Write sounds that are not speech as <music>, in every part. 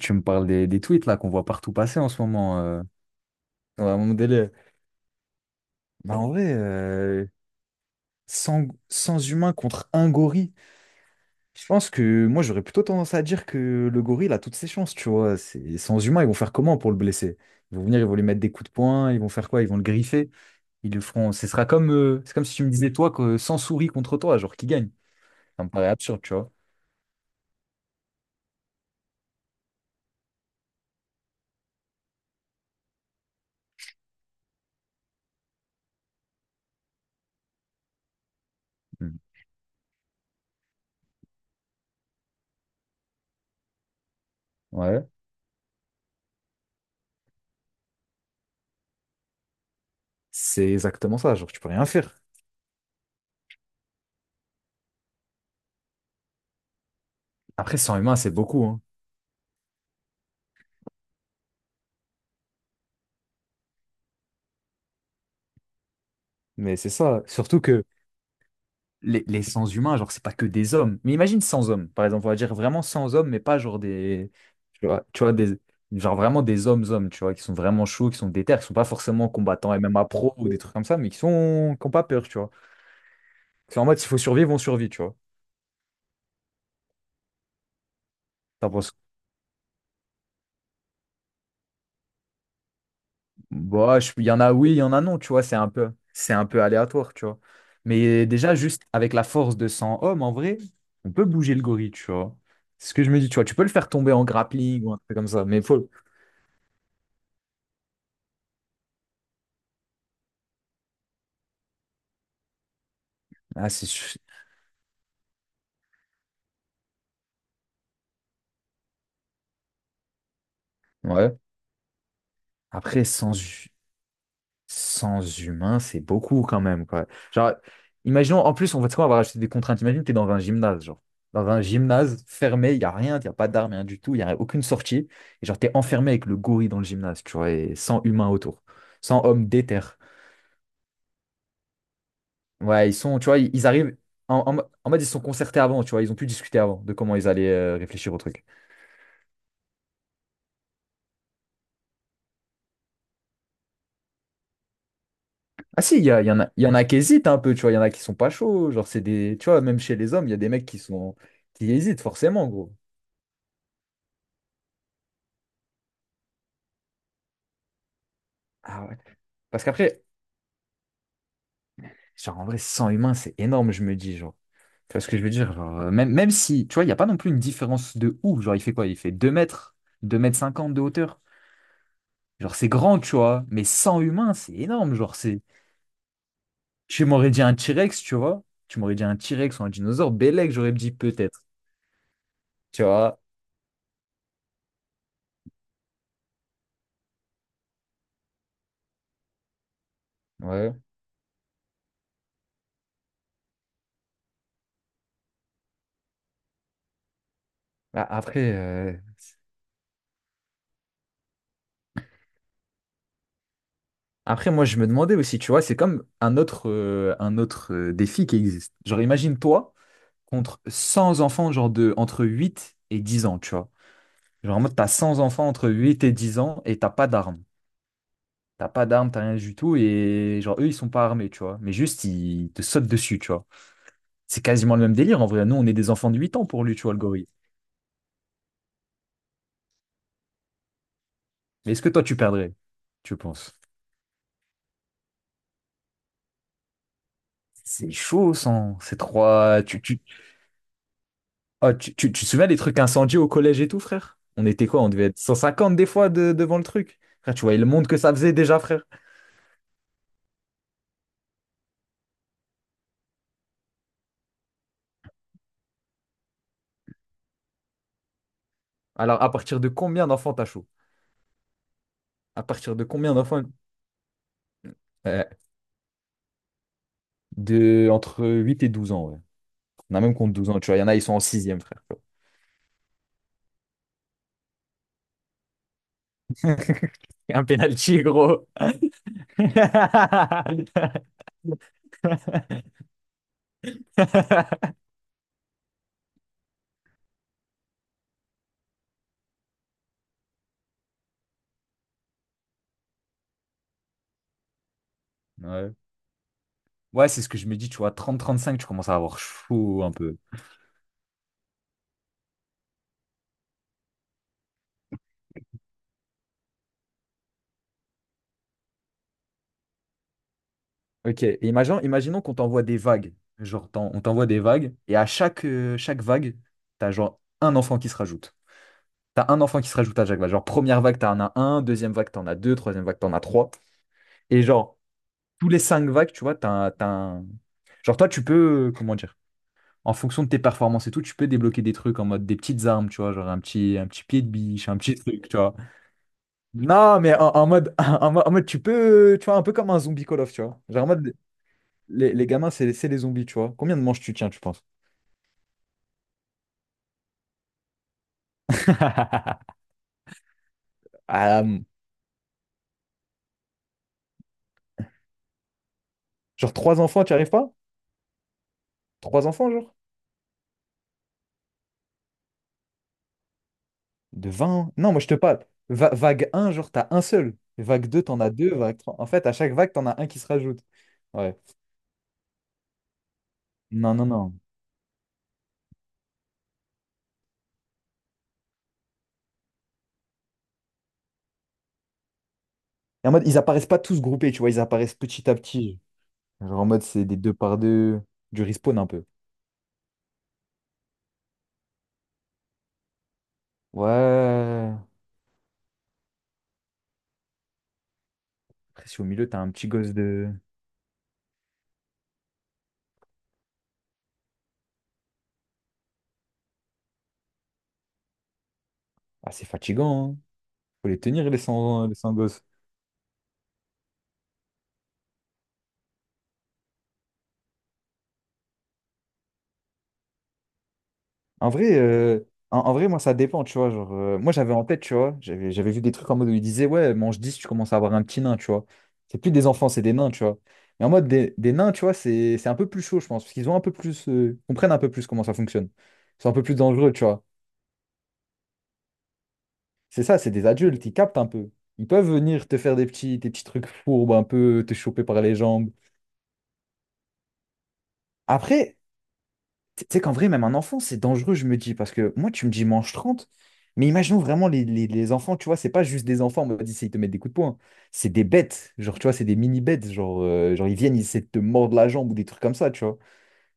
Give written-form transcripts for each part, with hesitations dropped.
Tu me parles des tweets là qu'on voit partout passer en ce moment. C'est vraiment mon délire. Bah en vrai, 100 humains contre un gorille. Je pense que moi j'aurais plutôt tendance à dire que le gorille a toutes ses chances, tu vois. C'est 100 humains, ils vont faire comment pour le blesser? Ils vont venir, ils vont lui mettre des coups de poing, ils vont faire quoi? Ils vont le griffer. Ils le feront. Ce sera comme, c'est comme si tu me disais toi que 100 souris contre toi, genre qui gagne. Ça me paraît absurde, tu vois. Mm. Ouais. C'est exactement ça, genre tu peux rien faire. Après, 100 humains, c'est beaucoup, hein. Mais c'est ça. Surtout que les sans humains, genre, c'est pas que des hommes. Mais imagine sans hommes, par exemple, on va dire vraiment sans hommes, mais pas genre des. Tu vois, des, genre vraiment des hommes-hommes, tu vois, qui sont vraiment chauds, qui sont déter, qui sont pas forcément combattants et même à pro ou des trucs comme ça, mais qui sont, qui ont pas peur, tu vois. C'est en mode, s'il faut survivre, on survit, tu vois. T'en penses- Bah, il y en a oui, il y en a non, tu vois, c'est un peu aléatoire, tu vois. Mais déjà, juste avec la force de 100 hommes, en vrai, on peut bouger le gorille, tu vois. C'est ce que je me dis, tu vois, tu peux le faire tomber en grappling ou un truc comme ça, mais faut. Ah, ouais. Après, sans hu- 100 humains, c'est beaucoup quand même, quoi. Genre, imaginons, en plus, on va, tu sais quoi, on va rajouter des contraintes. Imagine, t'es dans un gymnase, genre. Dans un gymnase fermé, il n'y a rien, il n'y a pas d'armes, rien du tout, il n'y a aucune sortie. Et genre, t'es enfermé avec le gorille dans le gymnase, tu vois, et 100 humains autour. Sans hommes déter. Ouais, ils sont, tu vois, ils arrivent. En mode, ils se sont concertés avant, tu vois, ils ont pu discuter avant de comment ils allaient réfléchir au truc. Ah si, il y, a- il y en a, il y en a qui hésitent un peu, tu vois, il y en a qui sont pas chauds, genre c'est des, tu vois, même chez les hommes, il y a des mecs qui sont, qui hésitent forcément, gros. Ah ouais. Parce qu'après, genre, en vrai, 100 humains, c'est énorme, je me dis, genre. Tu vois ce que je veux dire? Genre, même si, tu vois, il n'y a pas non plus une différence de ouf. Genre, il fait quoi? Il fait 2 mètres, 2 mètres 50 de hauteur. Genre, c'est grand, tu vois. Mais 100 humains, c'est énorme. Genre, c'est. Tu m'aurais dit un T-Rex, tu vois. Tu m'aurais dit un T-Rex ou un dinosaure. Bellec, j'aurais dit peut-être. Tu vois? Ouais. Bah, après, après, moi, je me demandais aussi, tu vois, c'est comme un autre défi qui existe. Genre, imagine toi contre 100 enfants, genre de entre 8 et 10 ans, tu vois. Genre, en mode, t'as 100 enfants entre 8 et 10 ans et t'as pas d'armes. T'as pas d'armes, t'as rien du tout. Et genre, eux, ils sont pas armés, tu vois. Mais juste, ils te sautent dessus, tu vois. C'est quasiment le même délire. En vrai, nous, on est des enfants de 8 ans pour lui, tu vois, le gorille. Mais est-ce que toi, tu perdrais, tu penses? C'est chaud, sans ces trois. Tu tu Ah, tu te souviens des trucs incendiés au collège et tout, frère? On était quoi? On devait être 150 des fois devant le truc. Frère, tu voyais le monde que ça faisait déjà, frère. Alors, à partir de combien d'enfants t'as chaud? À partir de combien d'enfants? Euh, de entre 8 et 12 ans, ouais. On a même contre 12 ans, tu vois. Il y en a, ils sont en sixième, frère. <laughs> Un penalty, gros. <laughs> Ouais. Ouais, c'est ce que je me dis, tu vois. 30-35, tu commences à avoir chaud un peu. Ok, et imaginons qu'on t'envoie des vagues. Genre, on t'envoie des vagues, et à chaque vague, t'as genre un enfant qui se rajoute. T'as un enfant qui se rajoute à chaque vague. Genre, première vague, t'en as un, deuxième vague, t'en as deux, troisième vague, t'en as trois. Et genre, tous les cinq vagues, tu vois, genre, toi, tu peux, comment dire, en fonction de tes performances et tout, tu peux débloquer des trucs en mode des petites armes, tu vois, genre un petit pied de biche, un petit truc, tu vois. Non, mais en mode, <laughs> en mode, tu peux, tu vois, un peu comme un zombie Call of, tu vois. Genre, en mode. Les gamins, c'est les zombies, tu vois. Combien de manches tu tiens, tu penses? <laughs> Ah, genre trois enfants, tu arrives pas? Trois enfants, genre? De 20 Non, moi je te parle. Vague un, genre, t'as un seul. Vague 2, t'en as deux. Vague trois. En fait, à chaque vague, t'en as un qui se rajoute. Ouais. Non, non, non. Et en mode, ils apparaissent pas tous groupés, tu vois, ils apparaissent petit à petit. Genre en mode, c'est des deux par deux, du respawn un peu. Ouais. Après, si au milieu, t'as un petit gosse de. Ah, c'est fatigant, hein. Faut les tenir, les cent gosses. En vrai, euh, en vrai, moi, ça dépend, tu vois. Genre, moi, j'avais en tête, tu vois, j'avais vu des trucs en mode où ils disaient, ouais, mange 10 tu commences à avoir un petit nain, tu vois. C'est plus des enfants, c'est des nains, tu vois. Mais en mode, des nains, tu vois, c'est un peu plus chaud, je pense, parce qu'ils ont un peu plus, comprennent un peu plus comment ça fonctionne. Ils sont un peu plus dangereux, tu vois. C'est ça, c'est des adultes, ils captent un peu. Ils peuvent venir te faire des petits trucs fourbes, un peu te choper par les jambes. Après, tu sais qu'en vrai, même un enfant, c'est dangereux, je me dis, parce que moi, tu me dis mange 30 mais imaginons vraiment les enfants, tu vois, c'est pas juste des enfants, on m'a dit mode ils te mettent des coups de poing, hein. C'est des bêtes, genre, tu vois, c'est des mini-bêtes, genre, ils viennent, ils essaient de te mordre la jambe ou des trucs comme ça, tu vois.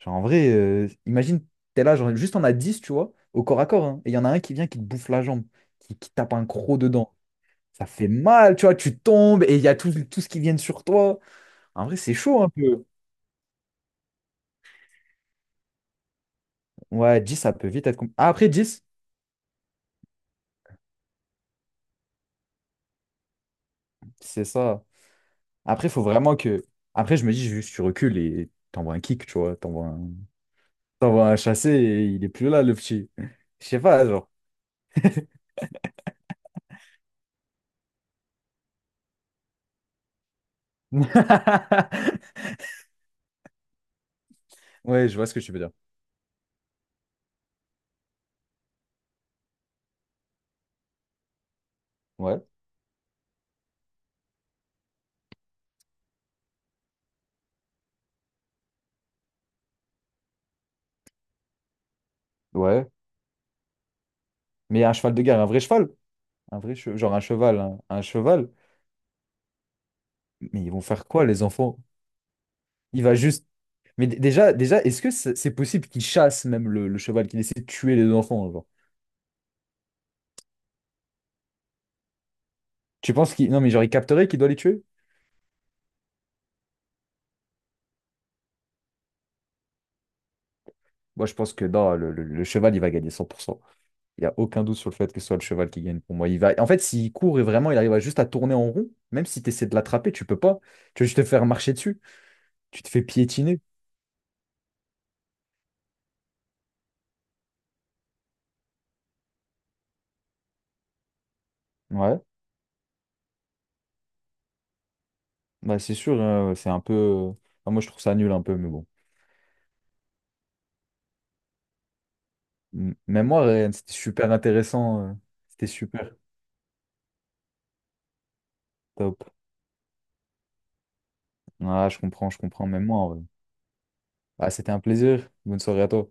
Genre, en vrai, imagine, t'es là, genre, juste on a 10 tu vois, au corps à corps, hein, et il y en a un qui vient, qui te bouffe la jambe, qui tape un croc dedans. Ça fait mal, tu vois, tu tombes et il y a tout ce qui vient sur toi. En vrai, c'est chaud un peu. Ouais, 10 ça peut vite être Ah, après, 10 c'est ça. Après, il faut vraiment que. Après, je me dis, juste, tu recules et t'envoies un kick, tu vois. T'envoies un chassé et il est plus là, le petit. Je sais pas, genre. <laughs> Ouais, je vois ce que tu veux dire. Ouais, ouais. Mais un cheval de guerre, un vrai cheval. Genre un cheval, un cheval. Mais ils vont faire quoi, les enfants? Il va juste. Mais déjà, est-ce que c'est possible qu'il chasse même le cheval, qu'il essaie de tuer les enfants, genre? Tu penses qu'il. Non, mais genre, il capterait qu'il doit les tuer? Moi, je pense que non, le cheval, il va gagner 100%. Il n'y a aucun doute sur le fait que ce soit le cheval qui gagne pour moi. En fait, s'il court et vraiment il arrive à juste à tourner en rond, même si tu essaies de l'attraper, tu peux pas. Tu vas juste te faire marcher dessus. Tu te fais piétiner. Ouais, bah c'est sûr, c'est un peu. Enfin, moi je trouve ça nul un peu, mais bon. Même moi, Ryan, c'était super intéressant. C'était super. Top. Ah, je comprends, je comprends. Même moi, en vrai. Ah, c'était un plaisir. Bonne soirée à toi.